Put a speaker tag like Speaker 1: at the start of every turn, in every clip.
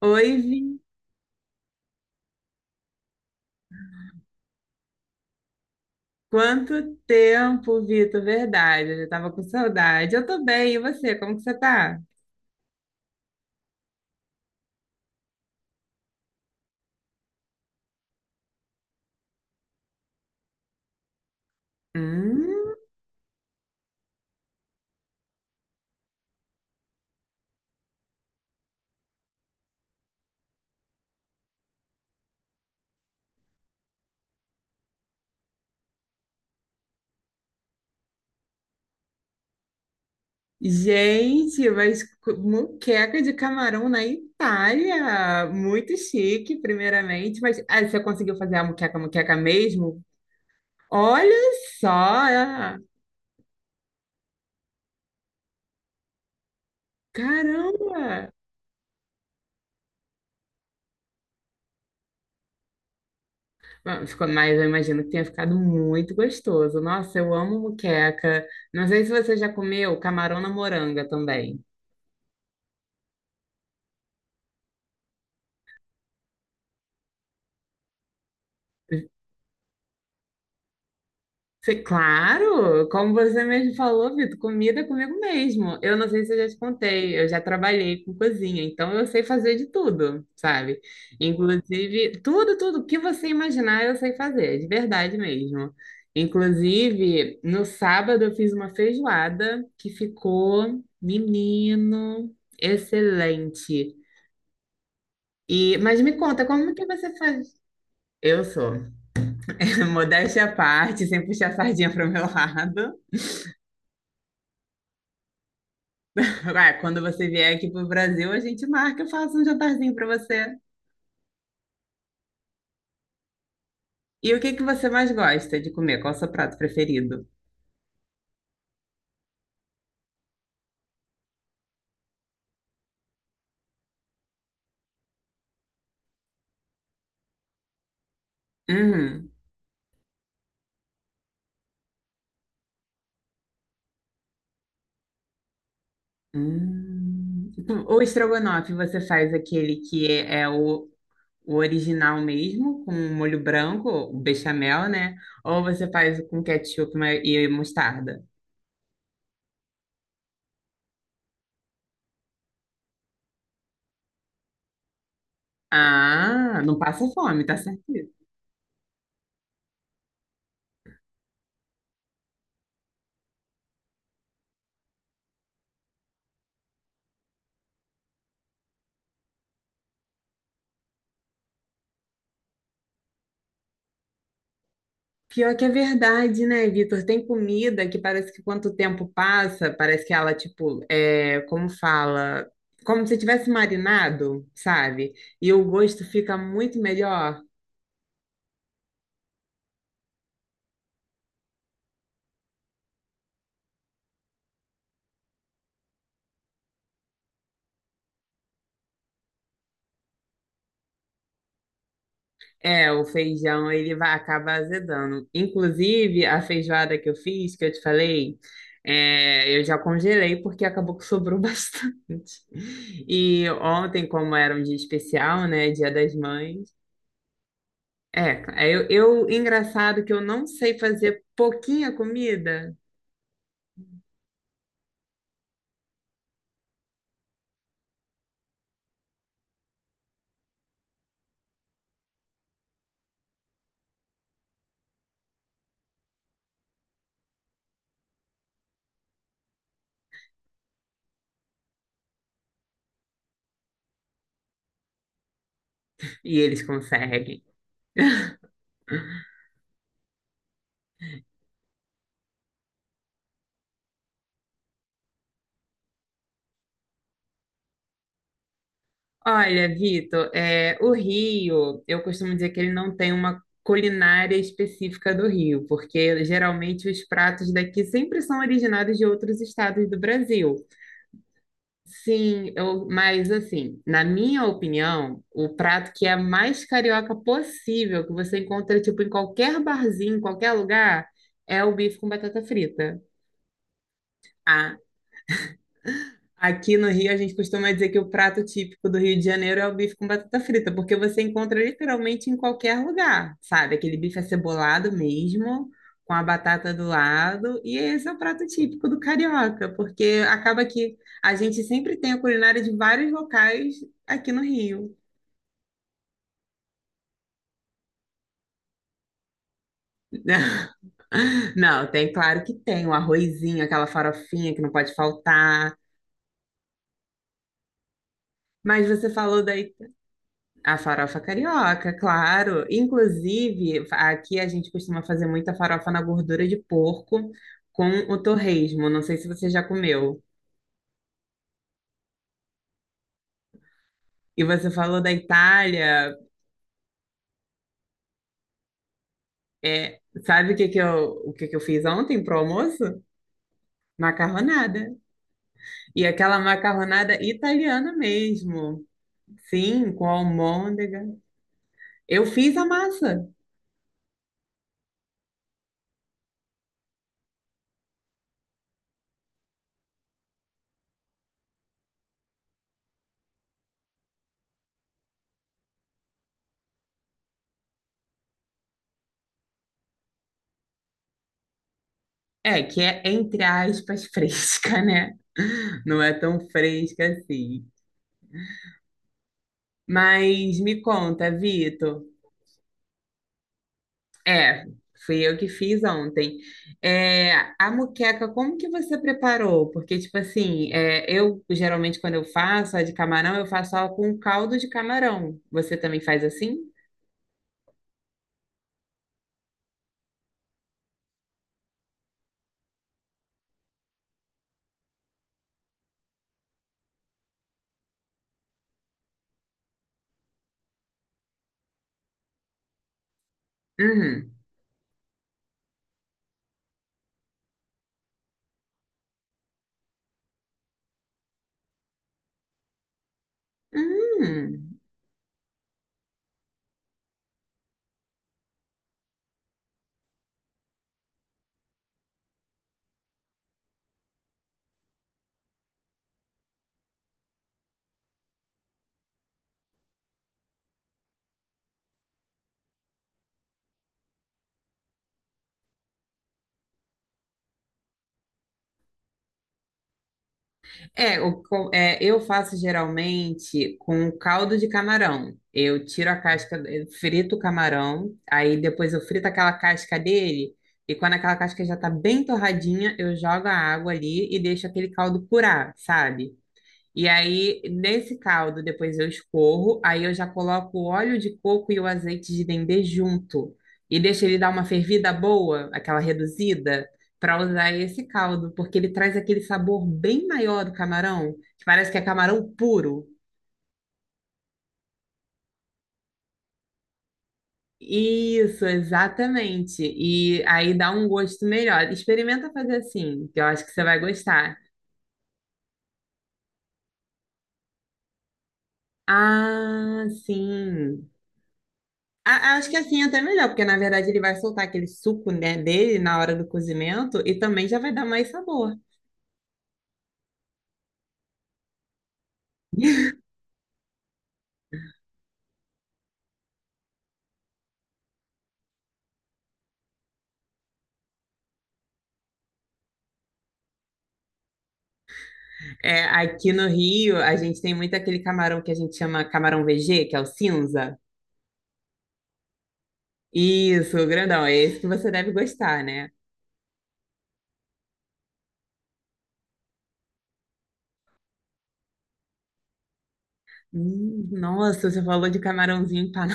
Speaker 1: Oi, Vi. Quanto tempo, Vitor? Verdade, eu já tava com saudade. Eu tô bem, e você? Como que você tá? Hum, gente, mas moqueca de camarão na Itália. Muito chique, primeiramente. Mas você conseguiu fazer a moqueca, moqueca mesmo? Olha só! Caramba! Ficou, mas eu imagino que tenha ficado muito gostoso. Nossa, eu amo moqueca. Não sei se você já comeu camarão na moranga também. Claro, como você mesmo falou, Vitor, comida é comigo mesmo. Eu não sei se eu já te contei, eu já trabalhei com cozinha, então eu sei fazer de tudo, sabe? Inclusive, tudo que você imaginar eu sei fazer, de verdade mesmo. Inclusive, no sábado eu fiz uma feijoada que ficou, menino, excelente. Mas me conta, como que você faz? Eu sou, modéstia à parte, sem puxar a sardinha para o meu lado. Tipo, ah, quando você vier aqui pro Brasil, a gente marca, eu faço um jantarzinho para você. E o que que você mais gosta de comer? Qual é o seu prato preferido? Hum, hum. O estrogonofe, você faz aquele que é o original mesmo, com molho branco, o bechamel, né? Ou você faz com ketchup e mostarda? Ah, não passa fome, tá certo? Pior que é verdade, né, Vitor? Tem comida que parece que quanto tempo passa, parece que ela, tipo, é, como fala, como se tivesse marinado, sabe? E o gosto fica muito melhor. É, o feijão, ele vai acabar azedando. Inclusive, a feijoada que eu fiz, que eu te falei, é, eu já congelei porque acabou que sobrou bastante. E ontem, como era um dia especial, né, Dia das Mães, é, eu, engraçado que eu não sei fazer pouquinha comida e eles conseguem. Olha, Vitor, é, o Rio, eu costumo dizer que ele não tem uma culinária específica do Rio, porque geralmente os pratos daqui sempre são originados de outros estados do Brasil. Sim, eu, mas assim, na minha opinião, o prato que é mais carioca possível, que você encontra tipo em qualquer barzinho, em qualquer lugar, é o bife com batata frita. A Aqui no Rio, a gente costuma dizer que o prato típico do Rio de Janeiro é o bife com batata frita, porque você encontra literalmente em qualquer lugar, sabe? Aquele bife acebolado mesmo, com a batata do lado, e esse é o prato típico do carioca, porque acaba que a gente sempre tem a culinária de vários locais aqui no Rio. Não, tem, claro que tem, o arrozinho, aquela farofinha que não pode faltar. Mas você falou daí a farofa carioca, claro. Inclusive, aqui a gente costuma fazer muita farofa na gordura de porco com o torresmo. Não sei se você já comeu. E você falou da Itália. É, sabe o que que eu, o que que eu fiz ontem pro almoço? Macarronada. E aquela macarronada italiana mesmo. Sim, com almôndega. Eu fiz a massa. É, que é entre aspas fresca, né? Não é tão fresca assim. Mas me conta, Vitor. É, fui eu que fiz ontem. É, a moqueca, como que você preparou? Porque, tipo assim, é, eu geralmente quando eu faço a de camarão, eu faço ela com caldo de camarão. Você também faz assim? Uhum. Hum. É, é, eu faço geralmente com caldo de camarão. Eu tiro a casca, eu frito o camarão, aí depois eu frito aquela casca dele, e quando aquela casca já tá bem torradinha, eu jogo a água ali e deixo aquele caldo curar, sabe? E aí, nesse caldo, depois eu escorro, aí eu já coloco o óleo de coco e o azeite de dendê junto. E deixo ele dar uma fervida boa, aquela reduzida, para usar esse caldo, porque ele traz aquele sabor bem maior do camarão, que parece que é camarão puro. Isso, exatamente. E aí dá um gosto melhor. Experimenta fazer assim, que eu acho que você vai gostar. Ah, sim. Acho que assim é até melhor, porque na verdade ele vai soltar aquele suco, né, dele na hora do cozimento e também já vai dar mais sabor. É, aqui no Rio, a gente tem muito aquele camarão que a gente chama camarão VG, que é o cinza. Isso, grandão, é esse que você deve gostar, né? Nossa, você falou de camarãozinho empanado.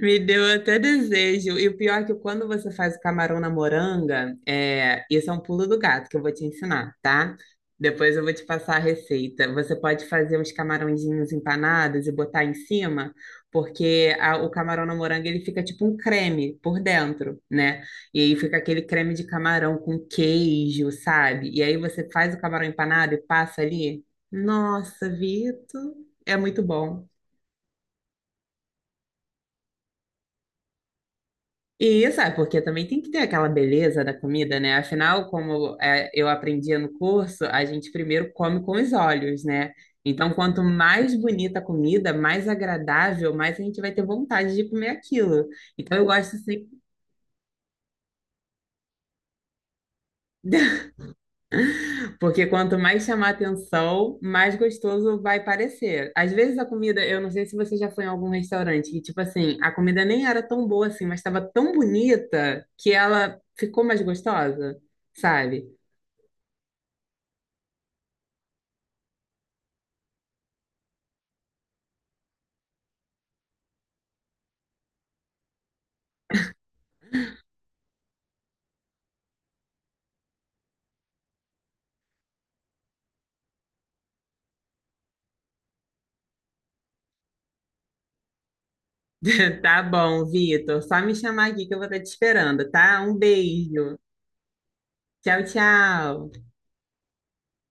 Speaker 1: Me deu até desejo. E o pior é que quando você faz o camarão na moranga, é, isso é um pulo do gato que eu vou te ensinar, tá? Depois eu vou te passar a receita. Você pode fazer uns camarõezinhos empanados e botar em cima, porque o camarão na moranga ele fica tipo um creme por dentro, né? E aí fica aquele creme de camarão com queijo, sabe? E aí você faz o camarão empanado e passa ali. Nossa, Vitor, é muito bom. E isso é porque também tem que ter aquela beleza da comida, né? Afinal, como é, eu aprendia no curso, a gente primeiro come com os olhos, né? Então, quanto mais bonita a comida, mais agradável, mais a gente vai ter vontade de comer aquilo. Então, eu gosto sempre, porque quanto mais chamar atenção, mais gostoso vai parecer. Às vezes a comida, eu não sei se você já foi em algum restaurante, que tipo assim, a comida nem era tão boa assim, mas estava tão bonita que ela ficou mais gostosa, sabe? Tá bom, Vitor. Só me chamar aqui que eu vou estar te esperando, tá? Um beijo. Tchau, tchau.